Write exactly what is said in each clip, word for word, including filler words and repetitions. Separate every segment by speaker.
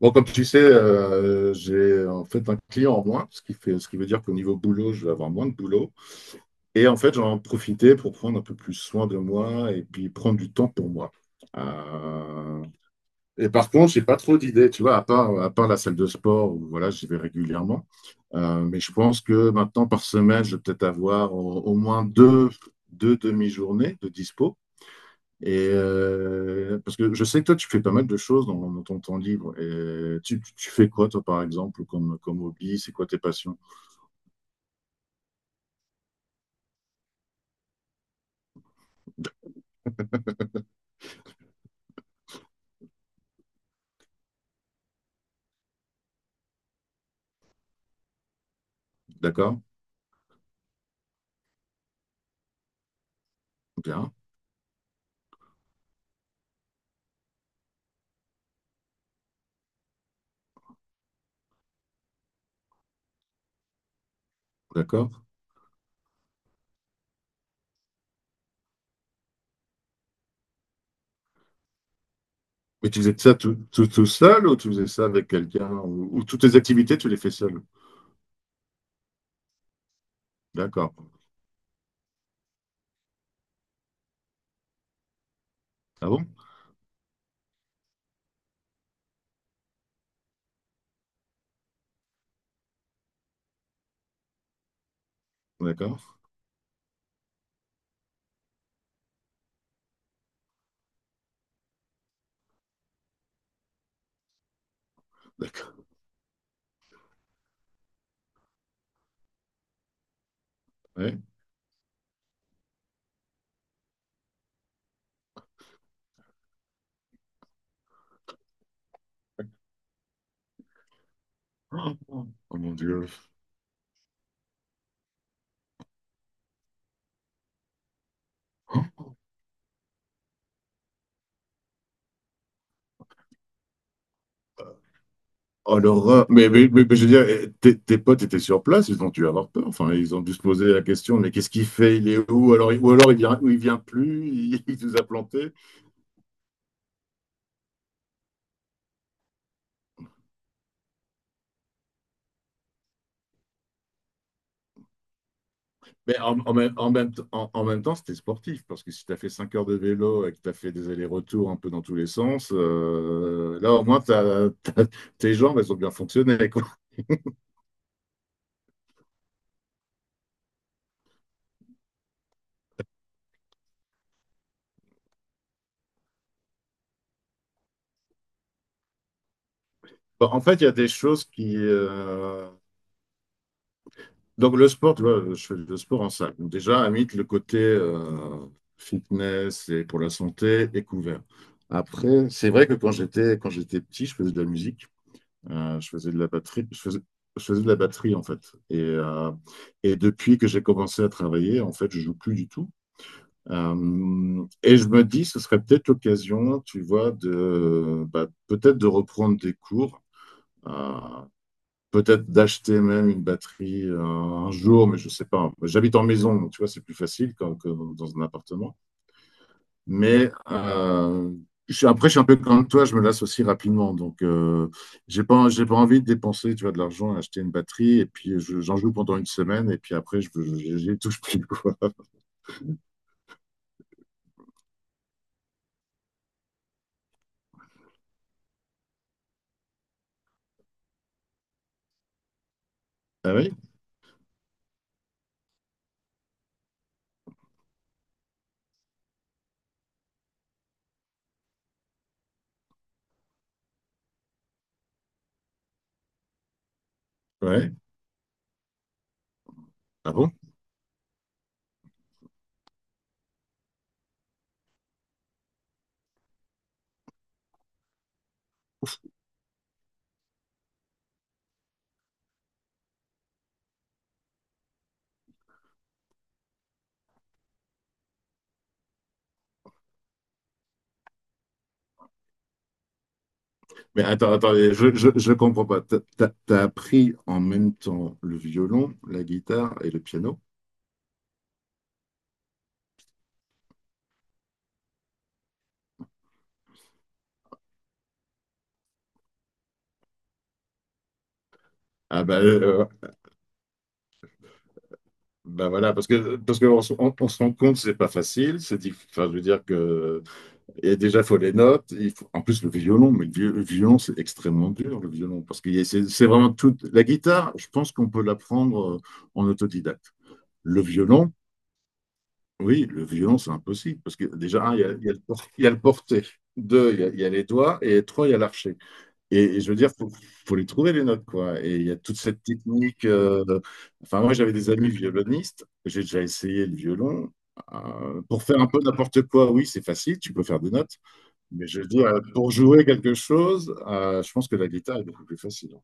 Speaker 1: Bon, comme tu sais, euh, j'ai en fait un client en moins, ce qui fait, ce qui veut dire qu'au niveau boulot, je vais avoir moins de boulot. Et en fait, j'en profiter pour prendre un peu plus soin de moi et puis prendre du temps pour moi. Euh, Et par contre, j'ai pas trop d'idées, tu vois, à part, à part la salle de sport où voilà, j'y vais régulièrement. Euh, mais je pense que maintenant, par semaine, je vais peut-être avoir au, au moins deux, deux demi-journées de dispo. Et euh, parce que je sais que toi, tu fais pas mal de choses dans, dans ton temps libre. Et tu, tu- tu fais quoi, toi, par exemple, comme, comme hobby? C'est quoi tes passions? D'accord? Bien, d'accord. Mais tu faisais ça tout, tout, tout seul ou tu faisais ça avec quelqu'un? Ou, ou toutes tes activités, tu les fais seul? D'accord. Ah bon? D'accord. D'accord. Ouais. Oh mon Dieu. Oh, l'horreur. Mais, mais, mais- mais je veux dire, eh, tes, tes potes étaient sur place, ils ont dû avoir peur. Enfin, ils ont dû se poser la question, mais qu'est-ce qu'il fait? Il est où? Alors, il- ou alors il vient, ou il vient plus, il, il nous a plantés. Mais en, en même, en même t- en- en même temps, c'était sportif, parce que si tu as fait cinq heures de vélo et que tu as fait des allers-retours un peu dans tous les sens, euh, là, au moins, t'as- t'as- tes jambes, elles ont bien fonctionné, quoi. Bon, en fait, il y a des choses qui, euh, donc le sport, tu vois, je fais du sport en salle. Donc, déjà, à mythe, le côté euh, fitness et pour la santé est couvert. Après, c'est vrai que quand j'étais quand j'étais petit, je faisais de la musique, euh, je faisais de la batterie, je faisais, je faisais de la batterie en fait. Et, euh, et depuis que j'ai commencé à travailler, en fait, je joue plus du tout. Euh, et je me dis, ce serait peut-être l'occasion, tu vois, de bah, peut-être de reprendre des cours. Euh, Peut-être d'acheter même une batterie euh, un jour, mais je sais pas. J'habite en maison, donc tu vois, c'est plus facile que, que dans un appartement. Mais euh, je suis- Après, je suis un peu comme toi, je me lasse aussi rapidement. Donc, euh, j'ai pas, j'ai pas envie de dépenser, tu vois, de l'argent à acheter une batterie. Et puis, je- j'en joue pendant une semaine. Et puis après, je, je, j'y touche plus, quoi. Ah oui? Ouais. Ah bon? Mais attends, attends, je, je, je comprends pas. T'as, t'as- t'as appris en même temps le violon, la guitare et le piano? Ah bah, euh, Ben voilà, parce que parce qu'on se on- on se rend compte que c'est pas facile, c'est diff- enfin je veux dire que et déjà il faut les notes, il faut en plus le violon, mais le vi- le violon c'est extrêmement dur le violon parce que c'est c'est vraiment toute la guitare, je pense qu'on peut l'apprendre euh, en autodidacte. Le violon, oui, le violon c'est impossible parce que déjà un, il y a, il y a le por- il y a le porté, deux, il y a, il y a les doigts et trois, il y a l'archet. Et, et je veux dire, faut, faut les trouver les notes, quoi. Et il y a toute cette technique. euh, Enfin, moi, j'avais des amis violonistes. J'ai déjà essayé le violon. Euh, pour faire un peu n'importe quoi, oui, c'est facile. Tu peux faire des notes. Mais je veux dire, pour jouer quelque chose, euh, je pense que la guitare est beaucoup plus facile.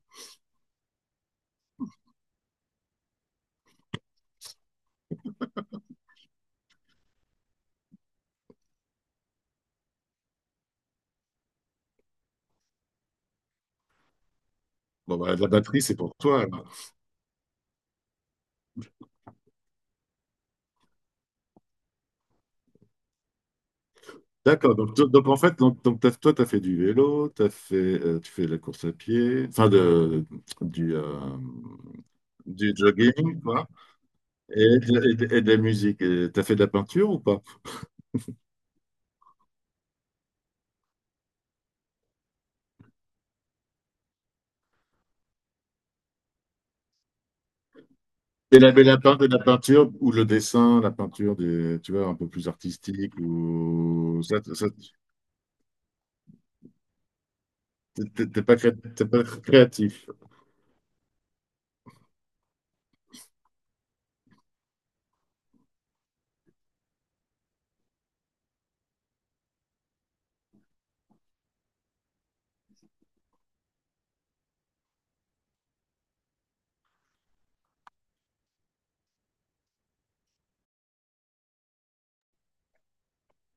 Speaker 1: Bon, bah, la batterie, c'est pour toi alors. D'accord. Donc, to- donc, en fait, donc, donc, t'as- Toi, tu as fait du vélo, t'as fait, euh, tu fais de la course à pied, enfin, de, du, euh, du jogging, quoi. Et de, et de- et de la musique. Et t'as fait de la peinture ou pas? Et la, mais la, peint- de la peinture ou le dessin, la peinture, de, tu vois, un peu plus artistique ou ça, ça- t'es t'es- t'es pas, cré- t'es pas créatif.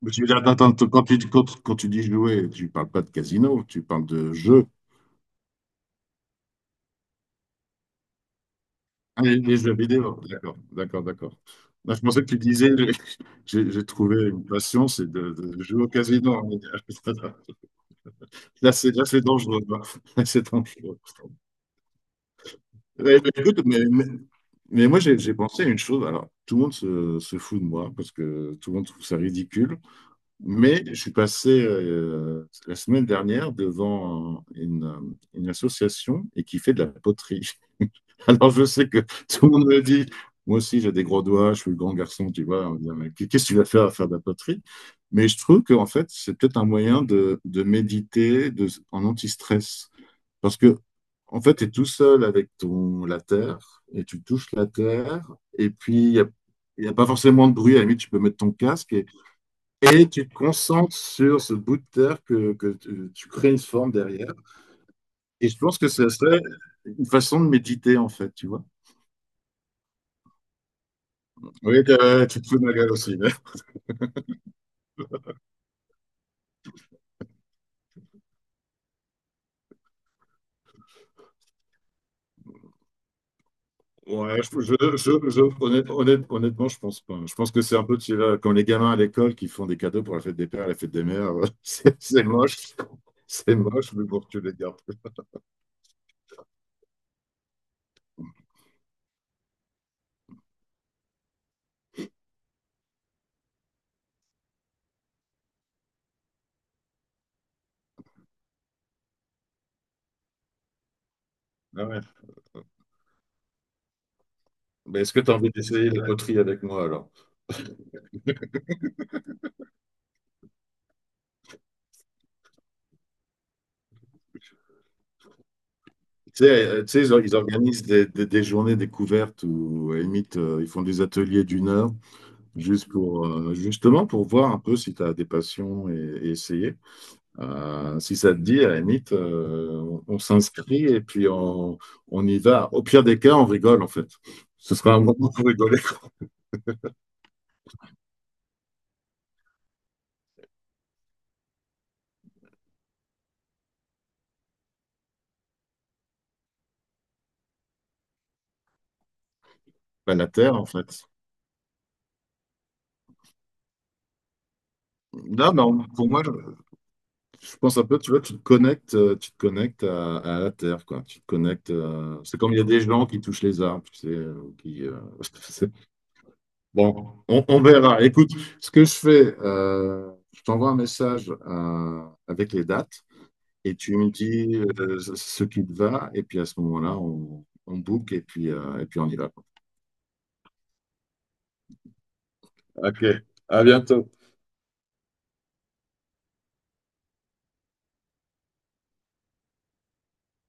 Speaker 1: Mais tu veux dire, attends, attends, quand tu, quand, quand tu dis jouer, tu parles pas de casino, tu parles de jeu. Ah, Les, les jeux vidéo, d'accord, d'accord, d'accord. Non, je pensais que tu disais, j'ai j'ai trouvé une passion, c'est de, de jouer au casino. Là, c'est là, c'est dangereux, hein. Là, c'est dangereux. Ouais, bah, écoute, mais, mais, mais moi, j'ai j'ai pensé à une chose. Alors, tout le monde se, se fout de moi parce que tout le monde trouve ça ridicule. Mais je suis passé euh, la semaine dernière devant une, une association et qui fait de la poterie. Alors je sais que tout le monde me dit, moi aussi j'ai des gros doigts, je suis le grand garçon, tu vois, on me dit, mais qu'est-ce que tu vas faire à faire de la poterie? Mais je trouve qu'en fait c'est peut-être un moyen de, de méditer de, en anti-stress. Parce que en fait tu es tout seul avec ton, la terre et tu touches la terre et puis il y a il n'y a pas forcément de bruit. À la limite, tu peux mettre ton casque et et tu te concentres sur ce bout de terre que, que tu, tu crées une forme derrière. Et je pense que ça serait une façon de méditer, en fait, tu vois. Oui, t'as- tu te fous de ma gueule aussi, mais- Ouais, je, je, je- je- honnête- honnête- honnêtement, je pense pas. Je pense que c'est un peu tu sais, comme les gamins à l'école qui font des cadeaux pour la fête des pères, la fête des mères. C'est c'est moche. C'est moche, mais bon, tu les gardes. Ah ouais. Mais est-ce que tu as envie d'essayer la poterie avec moi alors? Tu sais, euh, tu sais, ils or- ils organisent des, des, des journées découvertes où, à la limite, euh, ils font des ateliers d'une heure, juste pour, euh, justement pour voir un peu si tu as des passions et, et essayer. Euh, si ça te dit, à la limite, euh, on, on s'inscrit et puis on, on y va. Au pire des cas, on rigole, en fait. Ce sera un moment pour rigoler. Pas la Terre, en fait. Non, mais on- pour moi, je, je pense un peu, tu vois, tu te connectes, euh, tu te connectes à, à la Terre, quoi. Tu te connectes. Euh, c'est comme il y a des gens qui touchent les arbres, tu sais, euh, qui, euh, Bon, on, on verra. Écoute, ce que je fais, euh, je t'envoie un message euh, avec les dates et tu me dis euh, ce ce qui te va. Et puis à ce moment-là, on, on book et puis, euh, et puis on y va. Ok, à bientôt.